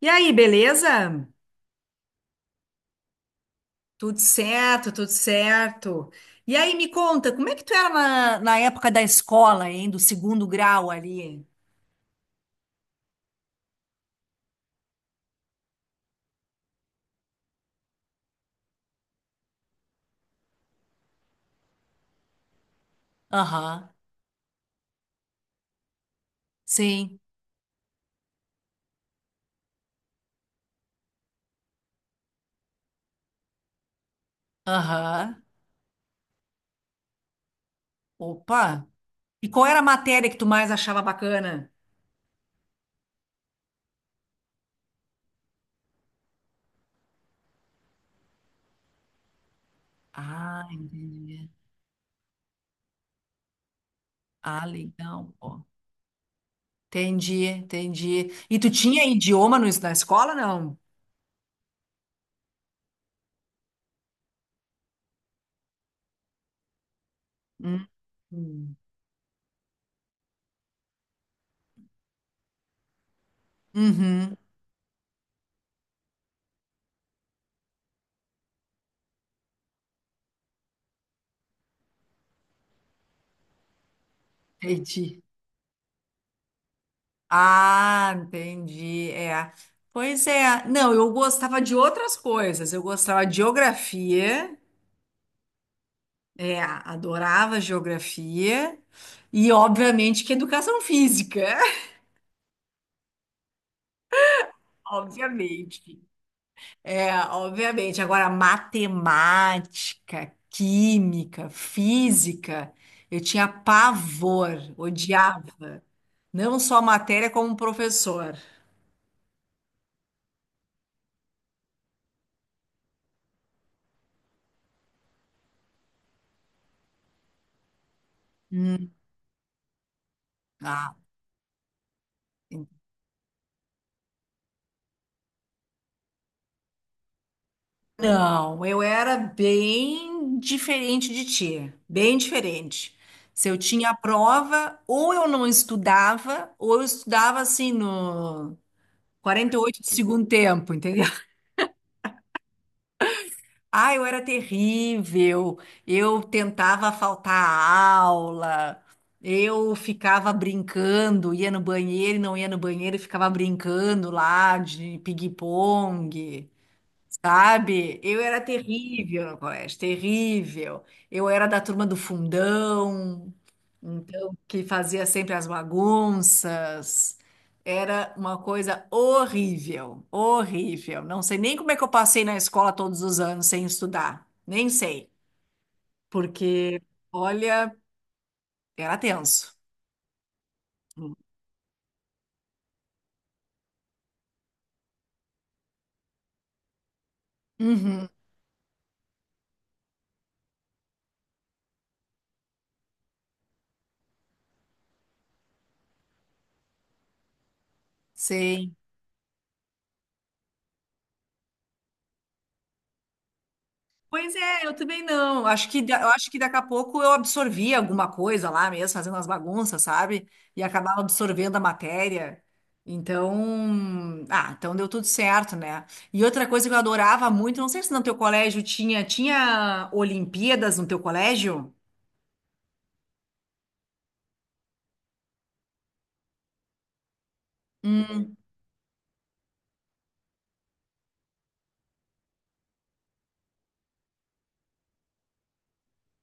E aí, beleza? Tudo certo, tudo certo. E aí, me conta, como é que tu era na época da escola, hein? Do segundo grau ali? Aham, sim, aham. Opa! E qual era a matéria que tu mais achava bacana? Ah, entendi. Ah, legal, pô. Entendi, entendi. E tu tinha idioma na escola, não? Hum. Hum. Uhum, entendi. Ah, entendi. É. Pois é. Não, eu gostava de outras coisas. Eu gostava de geografia, adorava geografia e, obviamente, que educação física. Obviamente. É, obviamente. Agora, matemática, química, física, eu tinha pavor, odiava. Não só a matéria, como o professor. Hum. Ah, não, eu era bem diferente de ti, bem diferente. Se eu tinha prova, ou eu não estudava, ou eu estudava assim no 48 de segundo tempo, entendeu? Ah, eu era terrível. Eu tentava faltar a aula. Eu ficava brincando, ia no banheiro e não ia no banheiro, e ficava brincando lá de pigue-pongue. Sabe? Eu era terrível no colégio, terrível. Eu era da turma do fundão, então que fazia sempre as bagunças. Era uma coisa horrível, horrível. Não sei nem como é que eu passei na escola todos os anos sem estudar. Nem sei, porque, olha, era tenso. Uhum, sim. Pois é, eu também não. Acho que, da- eu acho que daqui a pouco eu absorvia alguma coisa lá mesmo, fazendo as bagunças, sabe? E acabava absorvendo a matéria. Então, ah, então deu tudo certo, né? E outra coisa que eu adorava muito, não sei se no teu colégio tinha, tinha Olimpíadas no teu colégio? Hum.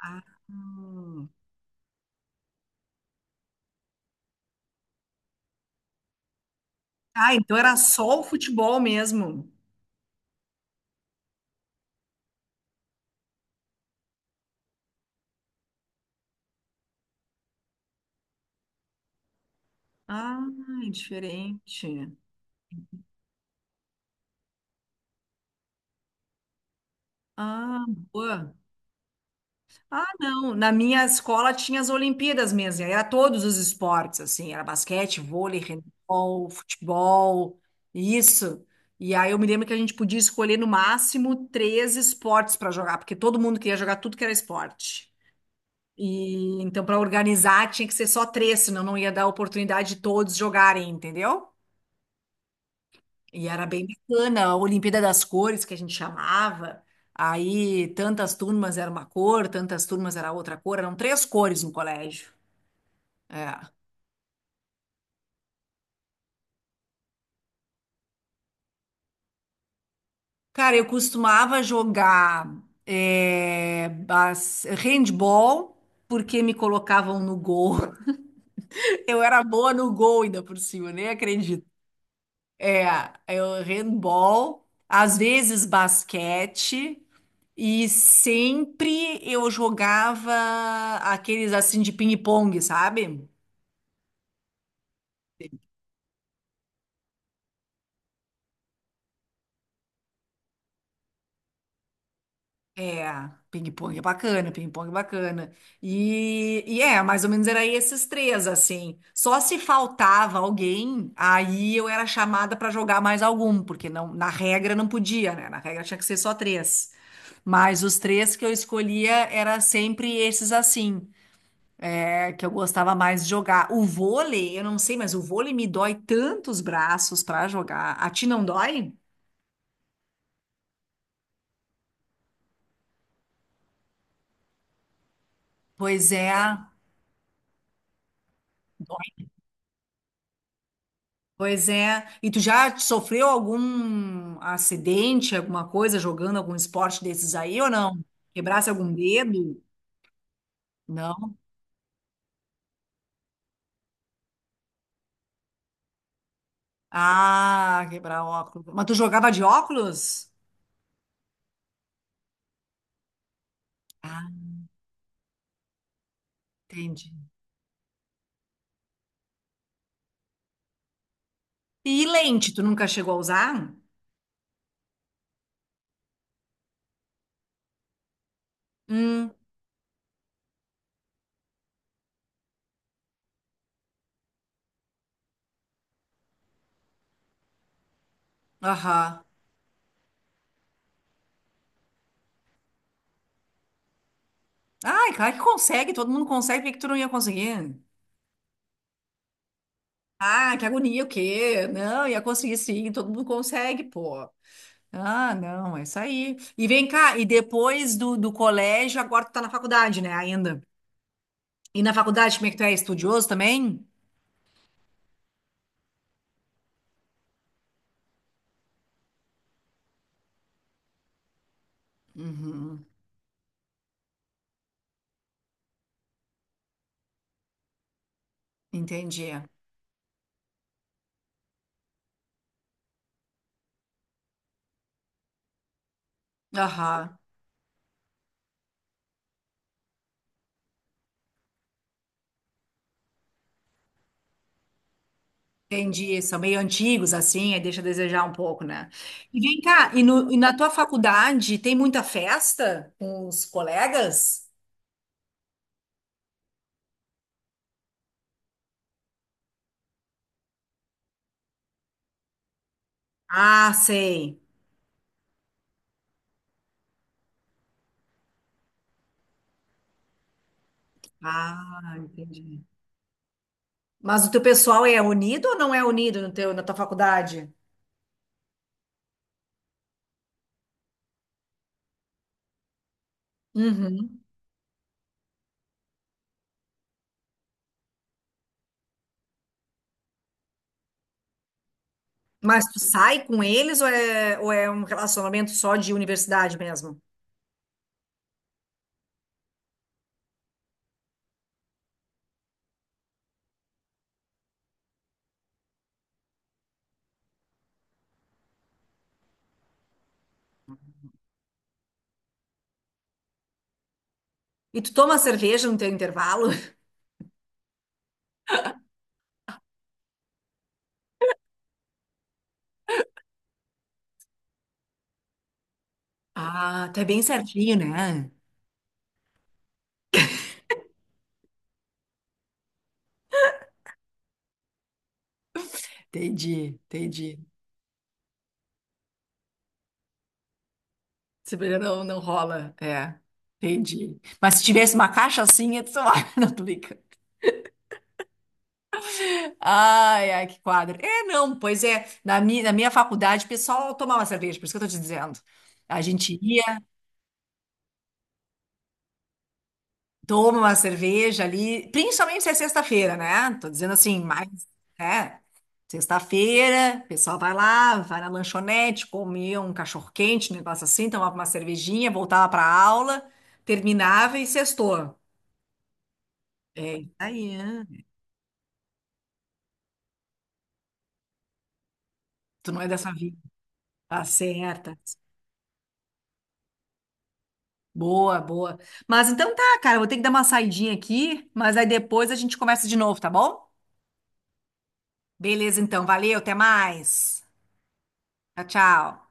Ah, hum. Ah, então era só o futebol mesmo. Ah, é diferente. Ah, boa. Ah, não. Na minha escola tinha as Olimpíadas mesmo. E aí era todos os esportes, assim. Era basquete, vôlei, handebol, futebol, isso. E aí eu me lembro que a gente podia escolher no máximo três esportes para jogar, porque todo mundo queria jogar tudo que era esporte. E então, para organizar, tinha que ser só três, senão não ia dar oportunidade de todos jogarem, entendeu? E era bem bacana, a Olimpíada das Cores, que a gente chamava. Aí tantas turmas era uma cor, tantas turmas era outra cor, eram três cores no colégio. É. Cara, eu costumava jogar handball, porque me colocavam no gol. Eu era boa no gol ainda por cima, nem acredito. É, eu handball, às vezes basquete. E sempre eu jogava aqueles assim de ping-pong, sabe? É, ping-pong é bacana, ping-pong é bacana. Mais ou menos era esses três, assim. Só se faltava alguém, aí eu era chamada pra jogar mais algum, porque não, na regra não podia, né? Na regra tinha que ser só três. Mas os três que eu escolhia era sempre esses assim. É que eu gostava mais de jogar. O vôlei, eu não sei, mas o vôlei me dói tantos braços pra jogar. A ti não dói? Pois é. Dói. Pois é. E tu já sofreu algum acidente, alguma coisa jogando algum esporte desses aí ou não? Quebrasse algum dedo? Não. Ah, quebrar óculos. Mas tu jogava de óculos? Ah, entendi. E lente, tu nunca chegou a usar? Hum, aham. Ai, claro que consegue, todo mundo consegue, por que que tu não ia conseguir? Ah, que agonia, o quê? Não, ia conseguir sim, todo mundo consegue, pô. Ah, não, é isso aí. E vem cá, e depois do colégio, agora tu tá na faculdade, né, ainda? E na faculdade, como é que tu é? Estudioso também? Uhum, entendi. Aham, entendi. São meio antigos, assim, aí deixa a desejar um pouco, né? E vem cá, e, no- e na tua faculdade tem muita festa com os colegas? Ah, sei. Ah, entendi. Mas o teu pessoal é unido ou não é unido no teu, na tua faculdade? Uhum. Mas tu sai com eles ou ou é um relacionamento só de universidade mesmo? E tu toma cerveja no teu intervalo? Ah, tu é bem certinho, né? Entendi, entendi. Cerveja não, não rola. É, entendi. Mas se tivesse uma caixa assim, eu sei lá, não tô brincando. Ai, ai, que quadro. É, não, pois é. Na minha faculdade, o pessoal tomava cerveja, por isso que eu tô te dizendo. A gente ia. Toma uma cerveja ali, principalmente se é sexta-feira, né? Tô dizendo assim, mais, é, sexta-feira, o pessoal vai lá, vai na lanchonete, come um cachorro-quente, um negócio assim, tomava uma cervejinha, voltava pra aula, terminava e sextou. É, isso aí, né? Tu não é dessa vida. Tá certa. Boa, boa. Mas então tá, cara, eu vou ter que dar uma saidinha aqui, mas aí depois a gente conversa de novo, tá bom? Beleza, então. Valeu, até mais. Tchau, tchau.